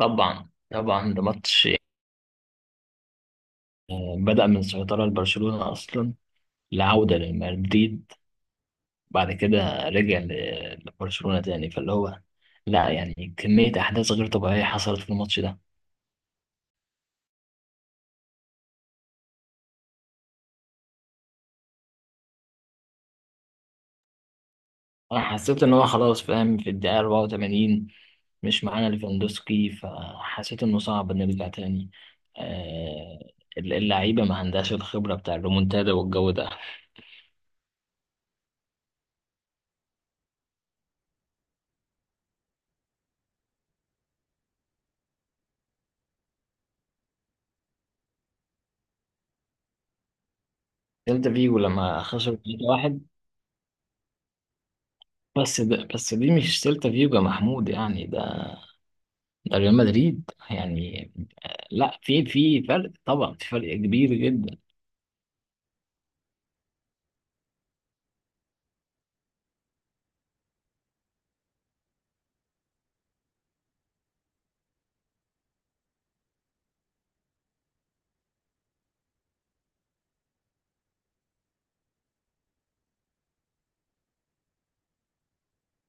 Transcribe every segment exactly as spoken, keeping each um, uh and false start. طبعا طبعا ده ماتش، آه، بدأ من سيطرة لبرشلونة أصلا، العودة لمدريد بعد كده رجع ل- لبرشلونة تاني، فاللي هو لا يعني كمية أحداث غير طبيعية حصلت في الماتش ده. أنا حسيت إن هو خلاص فاهم في الدقيقة الرابعة والثمانين مش معانا ليفاندوسكي، فحسيت إنه صعب نرجع تاني. آه، اللعيبة ما عندهاش الخبرة بتاع الريمونتادا والجو ده. سيلتا فيجو لما خسر ثلاثة واحد. بس ده بس دي مش سيلتا فيجو يا محمود، يعني ده ده ريال مدريد يعني. لا في في فرق طبعا، في فرق كبير جدا.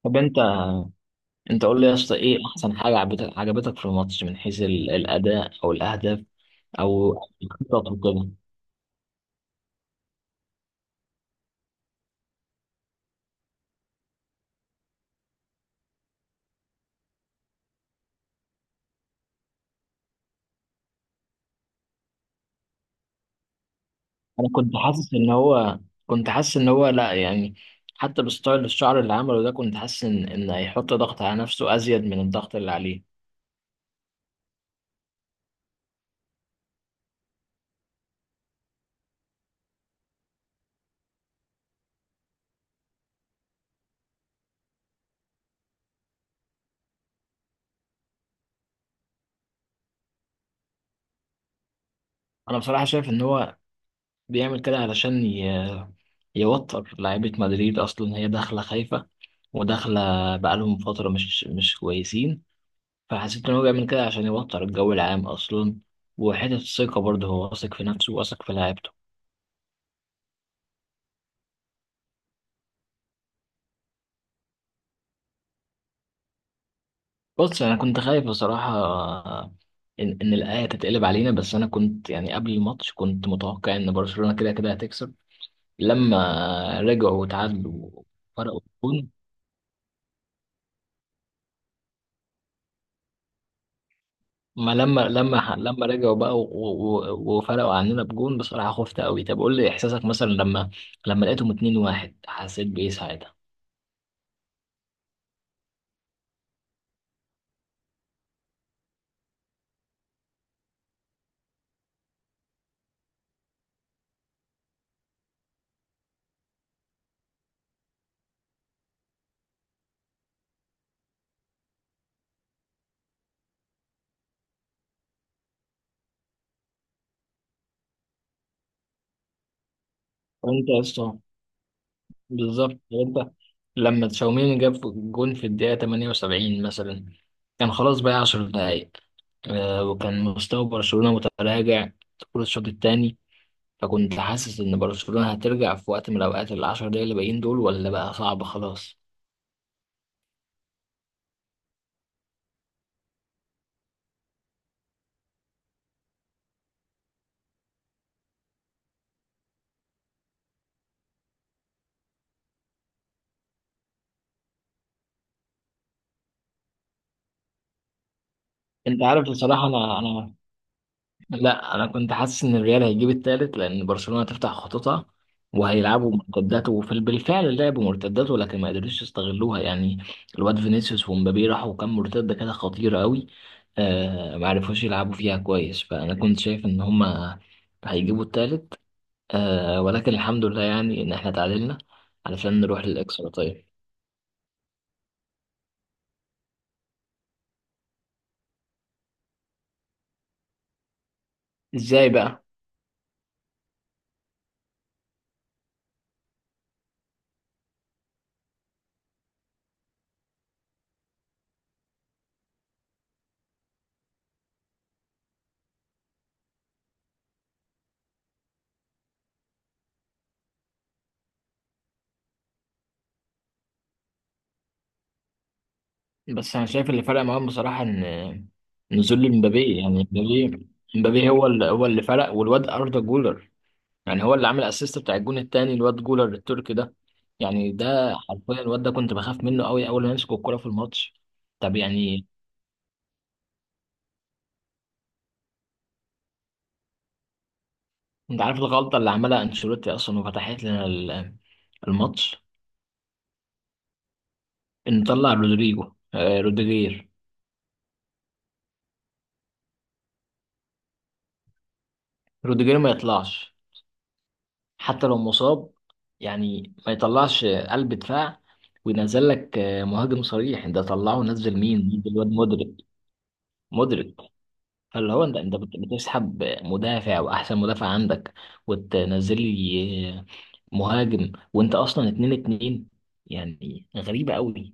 طب انت انت قول لي يا اسطى، ايه احسن حاجه عجبتك عجبتك في الماتش من حيث ال- الاداء او الاهداف او الخطط وكده. انا كنت حاسس ان هو كنت حاسس ان هو لا يعني، حتى الستايل الشعر اللي عمله ده، كنت حاسس ان ان هيحط ضغط على نفسه ازيد من الضغط اللي عليه. انا بصراحه شايف ان هو بيعمل كده علشان ي... يوتر لعيبة مدريد أصلا، هي داخلة خايفة وداخلة، بقالهم فترة مش مش كويسين، فحسيت إن هو بيعمل كده عشان يوتر الجو العام أصلا. وحتة الثقة برضه، هو واثق في نفسه واثق في لعيبته. بص، أنا كنت خايف بصراحة إن إن الآية تتقلب علينا، بس أنا كنت يعني قبل الماتش كنت متوقع إن برشلونة كده كده هتكسب، لما رجعوا وتعادلوا فرقوا. ما لما لما لما رجعوا بقى و- و- وفرقوا عننا بجون، بصراحة خفت قوي. طب قول لي إحساسك مثلا، لما لما لقيتهم اتنين واحد حسيت بإيه ساعتها؟ وأنت يا اسطى، بالظبط، وأنت لما تشاوميني جاب جون في الدقيقة تمانية وسبعين مثلا، كان خلاص بقى 10 دقايق، آه، وكان مستوى برشلونة متراجع طول الشوط الثاني، فكنت حاسس إن برشلونة هترجع في وقت من الأوقات، العشر دقايق اللي باقيين دول، ولا بقى صعب خلاص؟ أنت عارف بصراحة، أنا أنا لا، انا كنت حاسس ان الريال هيجيب التالت، لان برشلونة تفتح خطوطها وهيلعبوا مرتدات، وفي بالفعل لعبوا مرتدات ولكن ما قدروش يستغلوها يعني. الواد فينيسيوس ومبابي راحوا كام مرتدة كده خطيرة قوي، آه ما عرفوش يلعبوا فيها كويس، فانا كنت شايف ان هما هيجيبوا التالت، آه، ولكن الحمد لله يعني ان احنا تعادلنا علشان نروح للاكسترا. طيب، ازاي بقى؟ بس انا شايف اللي فرق معاهم بصراحه ان نزول امبابي، يعني امبابي، امبابي هو اللي هو اللي فرق، والواد اردا جولر، يعني هو اللي عامل اسيست بتاع الجون التاني، الواد جولر التركي ده، يعني ده حرفيا الواد ده كنت بخاف منه قوي اول ما يمسك الكوره في الماتش. طب يعني، انت عارف الغلطه اللي عملها انشيلوتي اصلا وفتحت لنا ال- الماتش؟ ان طلع رودريجو آه، روديجير. روديجير ما يطلعش حتى لو مصاب، يعني ما يطلعش قلب دفاع وينزل لك آه، مهاجم صريح. ده طلعه نزل مين؟ نزل الواد مودريك، مودريك. فاللي هو انت انت بت- بتسحب مدافع واحسن مدافع عندك وتنزل لي آه، مهاجم، وانت اصلا اتنين اتنين، يعني غريبة قوي.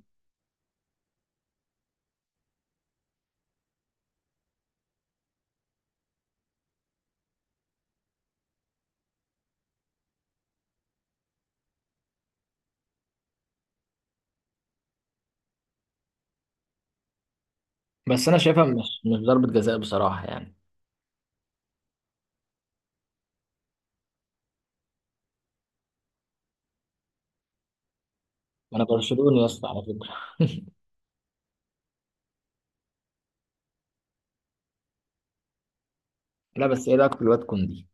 بس انا شايفها مش مش ضربة جزاء بصراحة يعني. انا برشلوني يا اسطى على فكرة لا، بس ايه رايك في الواد كوندي؟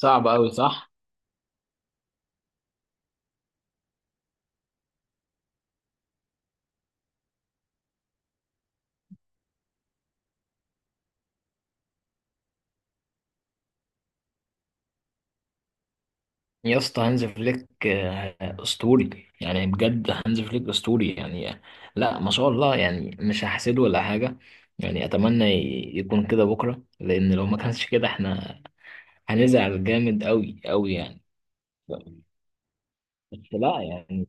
صعب قوي، صح؟ يا اسطى، هانز فليك آه، اسطوري يعني، بجد هانز فليك اسطوري يعني. لا، ما شاء الله، يعني مش هحسده ولا حاجه، يعني اتمنى ي- يكون كده بكره، لان لو ما كانش كده احنا هنزعل جامد قوي قوي يعني. ف- بس لا يعني،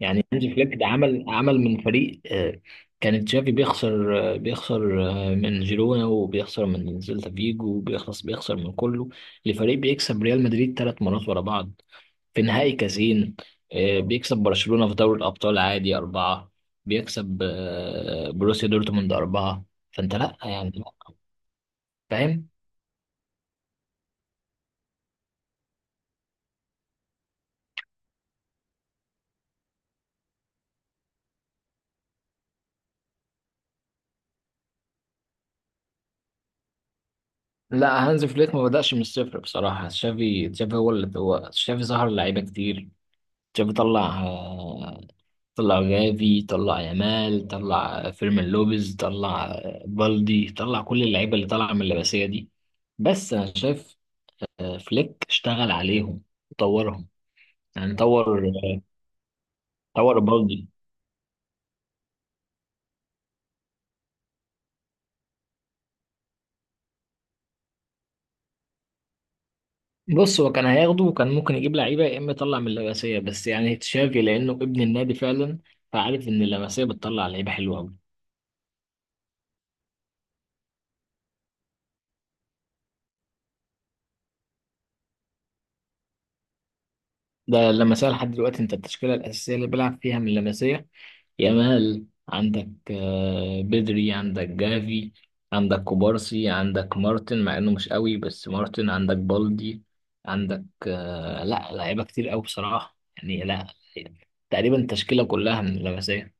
يعني هانز فليك ده عمل عمل من فريق، آه، كان تشافي بيخسر آه، بيخسر آه، من جيرونا وبيخسر من سيلتا فيجو، وبيخلص بيخسر من كله، لفريق بيكسب ريال مدريد ثلاث مرات ورا بعض في نهائي كازين. آه، بيكسب برشلونة في دوري الأبطال عادي أربعة، بيكسب آه، بروسيا دورتموند أربعة. فأنت لأ يعني لأ، فاهم؟ لا، هانز فليك ما بدأش من الصفر بصراحة. تشافي، تشافي هو اللي هو تشافي ظهر لعيبة كتير. تشافي طلع آه، طلع جافي، طلع يامال، طلع فيرمين لوبيز، طلع آه، بالدي، طلع كل اللعيبة اللي طالعة من اللمسية دي. بس أنا شايف آه، فليك اشتغل عليهم وطورهم، يعني طور، طور بالدي. بص، هو كان هياخده وكان ممكن يجيب لعيبه يا اما يطلع من اللمسيه، بس يعني تشافي لانه ابن النادي فعلا، فعارف ان اللمسيه بتطلع لعيبه حلوه قوي. ده اللمسيه لحد دلوقتي، انت التشكيله الاساسيه اللي بيلعب فيها من اللمسيه: يامال، عندك آه، بدري، عندك جافي، عندك كوبارسي، عندك مارتن، مع انه مش قوي بس مارتن، عندك بالدي، عندك آه، لا لعيبه كتير قوي بصراحه يعني. لا، تقريبا التشكيله كلها من اللمسيه.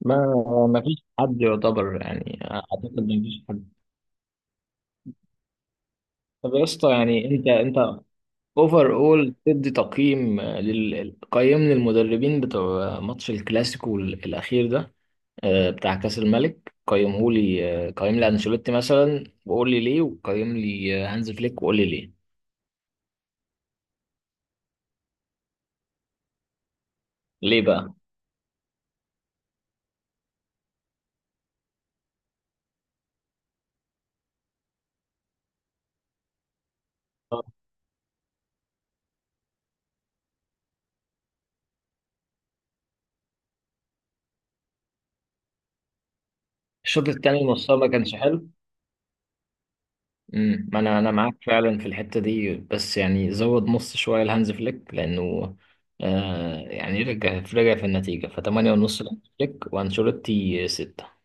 ما ما فيش حد يعتبر، يعني اعتقد ما فيش حد. طب يا اسطى، يعني انت انت اوفر اول تدي تقييم لل... قيمني المدربين بتوع ماتش الكلاسيكو الاخير ده، آه، بتاع كاس الملك. قيمه لي، آه، قيم لي انشيلوتي مثلا وقول لي ليه، وقيم لي آه، هانز فليك وقول لي ليه. ليه بقى؟ الشوط الثاني نصها ما كانش حلو. امم ما انا انا معاك فعلا في الحته دي، بس يعني زود نص شويه لهانز فليك لانه، آه يعني رجع رجع في النتيجه، ف 8 ونص لهانز فليك وانشيلوتي ستة.